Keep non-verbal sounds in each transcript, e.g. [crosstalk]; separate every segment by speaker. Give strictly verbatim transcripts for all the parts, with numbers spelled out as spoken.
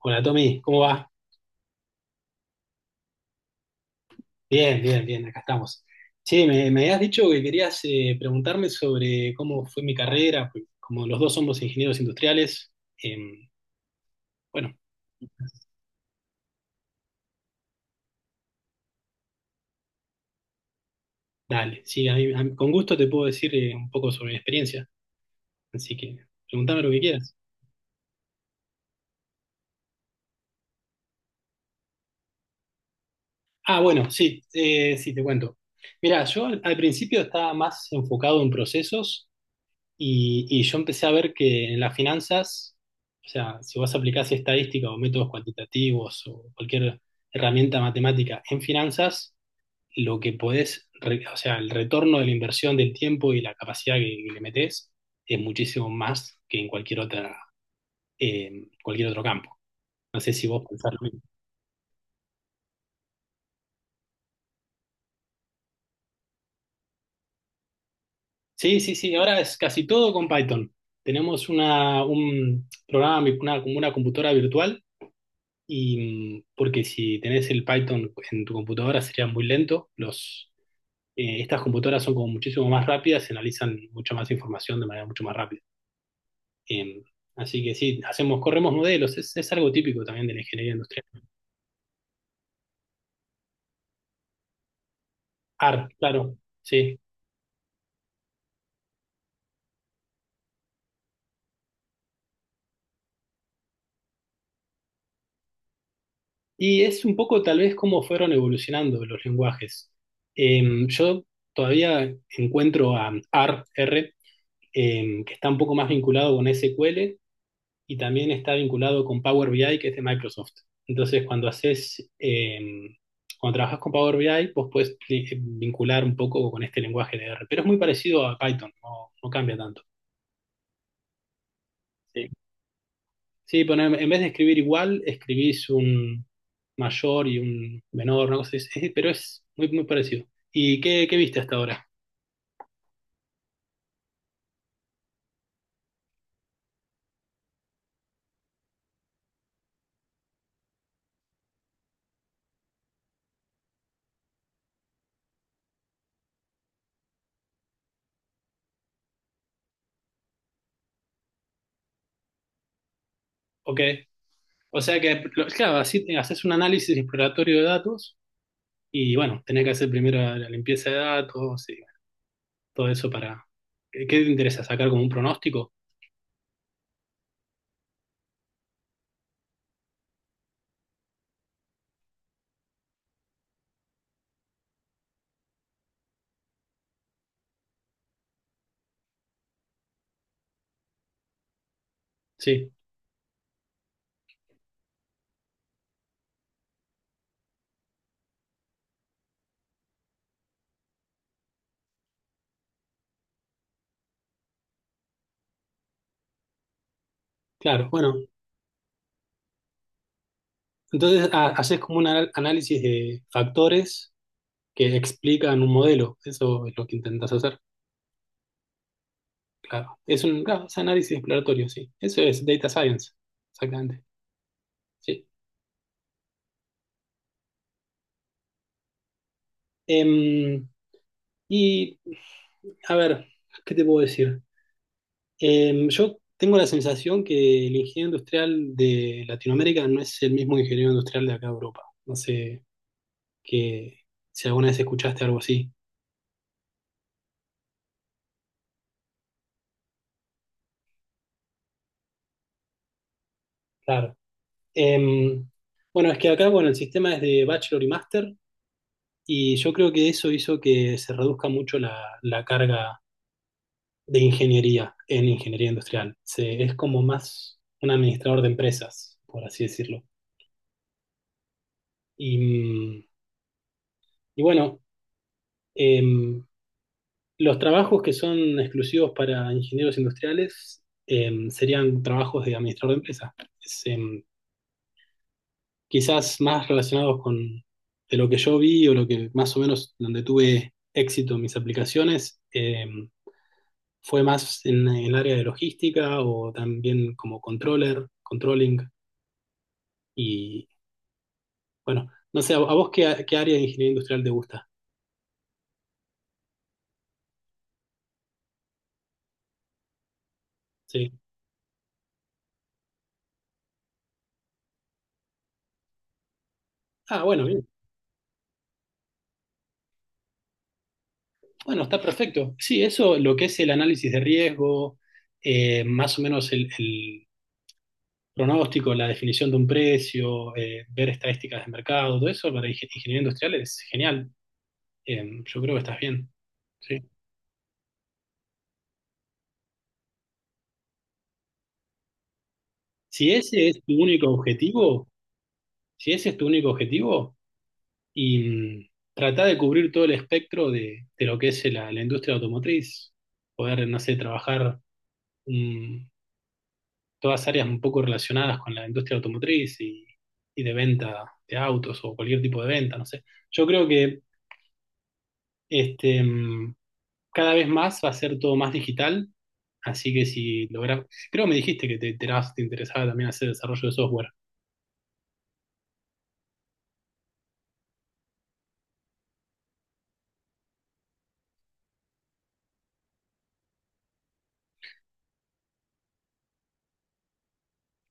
Speaker 1: Hola Tommy, ¿cómo va? Bien, bien, bien, acá estamos. Che, me, me habías dicho que querías eh, preguntarme sobre cómo fue mi carrera, pues, como los dos somos ingenieros industriales. em, bueno, Dale, sí, a mí- a mí- con gusto te puedo decir eh, un poco sobre mi experiencia, así que pregúntame lo que quieras. Ah, bueno, sí, eh, sí, te cuento. Mira, yo al, al principio estaba más enfocado en procesos. Y, y yo empecé a ver que en las finanzas, o sea, si vos aplicás estadística o métodos cuantitativos o cualquier herramienta matemática en finanzas, lo que podés, re- o sea, el retorno de la inversión del tiempo y la capacidad que, que le metés es muchísimo más que en cualquier otra, eh, cualquier otro campo. No sé si vos pensás lo mismo. Sí, sí, sí, ahora es casi todo con Python. Tenemos una, un programa, una, como una computadora virtual. Y mm, porque si tenés el Python en tu computadora sería muy lento. Los, eh, estas computadoras son como muchísimo más rápidas y analizan mucha más información de manera mucho más rápida. Eh, así que sí, hacemos, corremos modelos, es, es algo típico también de la ingeniería industrial. R, claro, sí. Y es un poco tal vez cómo fueron evolucionando los lenguajes. Eh, yo todavía encuentro a R R, eh, que está un poco más vinculado con S Q L y también está vinculado con Power B I, que es de Microsoft. Entonces, cuando haces, eh, cuando trabajas con Power B I, vos puedes eh, vincular un poco con este lenguaje de R, pero es muy parecido a Python, no, no cambia tanto. Sí, sí, pero en, en vez de escribir igual, escribís un mayor y un menor, una cosa es- pero es muy, muy parecido. ¿Y qué, qué viste hasta ahora? Ok. O sea que, lo- claro, así te- haces un análisis exploratorio de datos y bueno, tenés que hacer primero la limpieza de datos, todo eso para... ¿Qué qué te interesa? ¿Sacar como un pronóstico? Sí, claro. Bueno, entonces ha- haces como un anal- análisis de factores que explican un modelo. Eso es lo que intentas hacer. Claro. Es un claro, es análisis exploratorio, sí. Eso es data science. Exactamente. Sí. Em, y, a ver, ¿qué te puedo decir? Em, yo tengo la sensación que el ingeniero industrial de Latinoamérica no es el mismo ingeniero industrial de acá de Europa. No sé que si alguna vez escuchaste algo así. Claro. Em, bueno, es que acá, bueno, el sistema es de bachelor y máster, y yo creo que eso hizo que se reduzca mucho la, la carga de ingeniería en ingeniería industrial. Se, es como más un administrador de empresas, por así decirlo. Y, mm, y bueno, em, los trabajos que son exclusivos para ingenieros industriales em, serían trabajos de administrador de empresas. Quizás más relacionados con de lo que yo vi o lo que más o menos donde tuve éxito en mis aplicaciones, eh, fue más en, en el área de logística o también como controller, controlling, y bueno, no sé, ¿a, a vos qué, qué área de ingeniería industrial te gusta? Sí. Ah, bueno, bien. Bueno, está perfecto. Sí, eso lo que es el análisis de riesgo, eh, más o menos el, el pronóstico, la definición de un precio, eh, ver estadísticas de mercado, todo eso para ingen- ingeniería industrial es genial. Em, yo creo que estás bien. Sí. Si ese es tu único objetivo, si ese es tu único objetivo, y mm, trata de cubrir todo el espectro de, de lo que es la, la industria automotriz, poder, no sé, trabajar, mm, todas áreas un poco relacionadas con la industria automotriz y, y de venta de autos o cualquier tipo de venta, no sé. Yo creo que este, mm, cada vez más va a ser todo más digital, así que si logras, creo que me dijiste que te, te te interesaba también hacer desarrollo de software.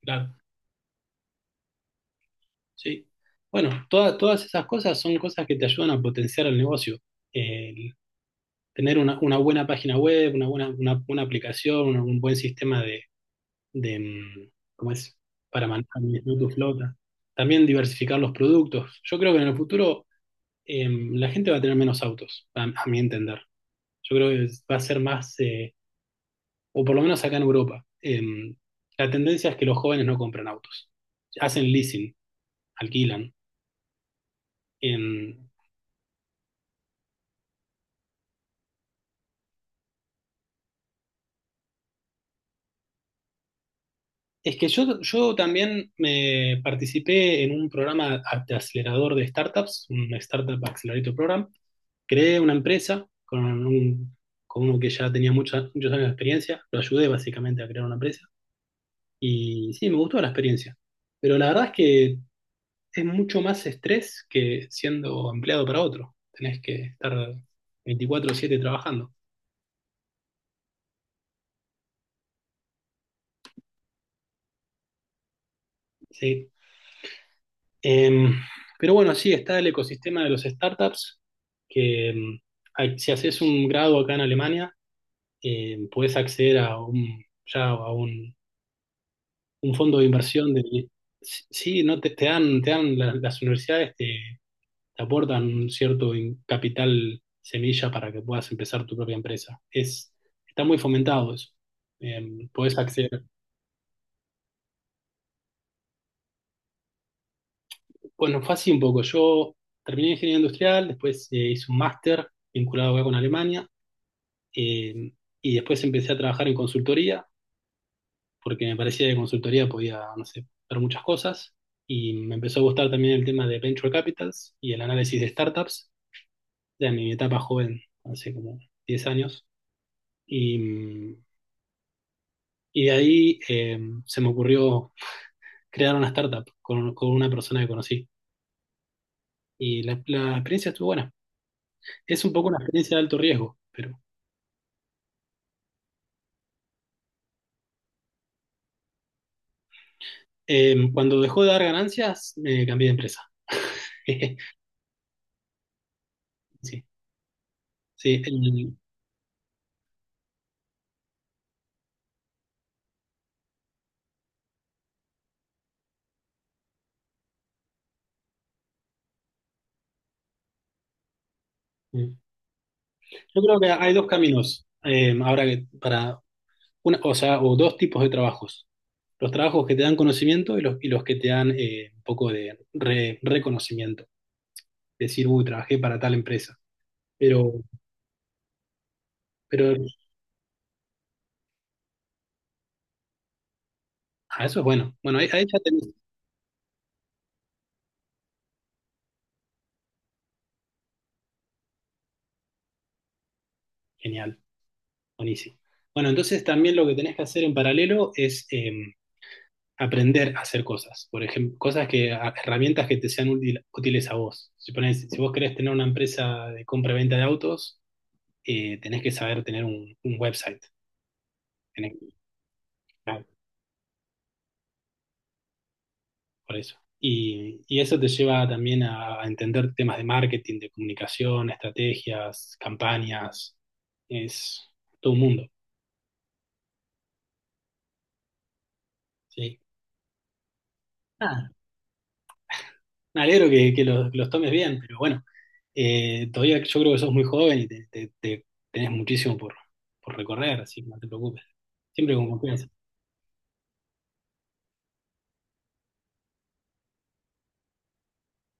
Speaker 1: Claro, sí. Bueno, toda- todas esas cosas son cosas que te ayudan a potenciar el negocio. El tener una, una buena página web, una buena, una, una aplicación, una- un buen sistema de, de, mm, ¿Cómo es? Para manejar tu tu flota. También diversificar los productos. Yo creo que en el futuro em, la gente va a tener menos autos, a, a mi entender. Yo creo que va a ser más, eh, o por lo menos acá en Europa. Em, la tendencia es que los jóvenes no compran autos. Hacen leasing, alquilan. Em, Es que yo, yo también me participé en un programa de acelerador de startups, un Startup Accelerator Program. Creé una empresa con, un, con uno que ya tenía mucha- muchos años de experiencia. Lo ayudé básicamente a crear una empresa. Y sí, me gustó la experiencia. Pero la verdad es que es mucho más estrés que siendo empleado para otro. Tenés que estar veinticuatro siete trabajando. Sí. Em, pero bueno, sí, está el ecosistema de los startups, que em, a- si haces un grado acá en Alemania, em, puedes acceder a un, ya a un, un fondo de inversión. De, sí, no te, te dan, te dan la- las universidades te, te aportan un cierto in- capital semilla para que puedas empezar tu propia empresa. Es, está muy fomentado eso. Em, podés acceder. Bueno, fue así un poco. Yo terminé ingeniería industrial, después eh, hice un máster vinculado acá con Alemania. Eh, y después empecé a trabajar en consultoría, porque me parecía que consultoría podía, no sé, ver muchas cosas. Y me empezó a gustar también el tema de venture capitals y el análisis de startups, ya en mi etapa joven, hace como diez años. Y, y de ahí eh, se me ocurrió crear una startup con, con una persona que conocí. Y la, la experiencia estuvo buena. Es un poco una experiencia de alto riesgo, pero eh, cuando dejó de dar ganancias, me cambié de empresa. [laughs] Sí, sí. el- Yo creo que hay dos caminos, eh, ahora que para una, o sea, o dos tipos de trabajos. Los trabajos que te dan conocimiento y los, y los que te dan eh, un poco de re- reconocimiento. Decir, uy, trabajé para tal empresa. Pero, pero ah, eso es bueno. Bueno, ahí, ahí ya tenés. Genial, buenísimo. Bueno, entonces también lo que tenés que hacer en paralelo es eh, aprender a hacer cosas. Por ejemplo, cosas que, a- herramientas que te sean útil- útiles a vos. Si, ponés- si vos querés tener una empresa de compra-venta de autos, eh, tenés que saber tener un, un website, tenés que- claro, por eso. Y, y eso te lleva también a, a entender temas de marketing, de comunicación, estrategias, campañas, es todo un mundo, ¿sí? Ah, me alegro que, que los, que los tomes bien, pero bueno, eh, todavía yo creo que sos muy joven y te, te- te- tenés muchísimo por, por recorrer, así que no te preocupes, siempre con confianza.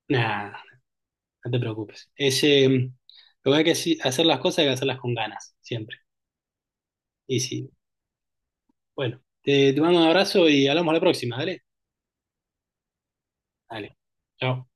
Speaker 1: Nada, no te preocupes. Es, eh, lo que hay que haci- hacer las cosas hay que hacerlas con ganas, siempre. Y si, bueno, te, te mando un abrazo y hablamos la próxima, dale. Dale. Chao.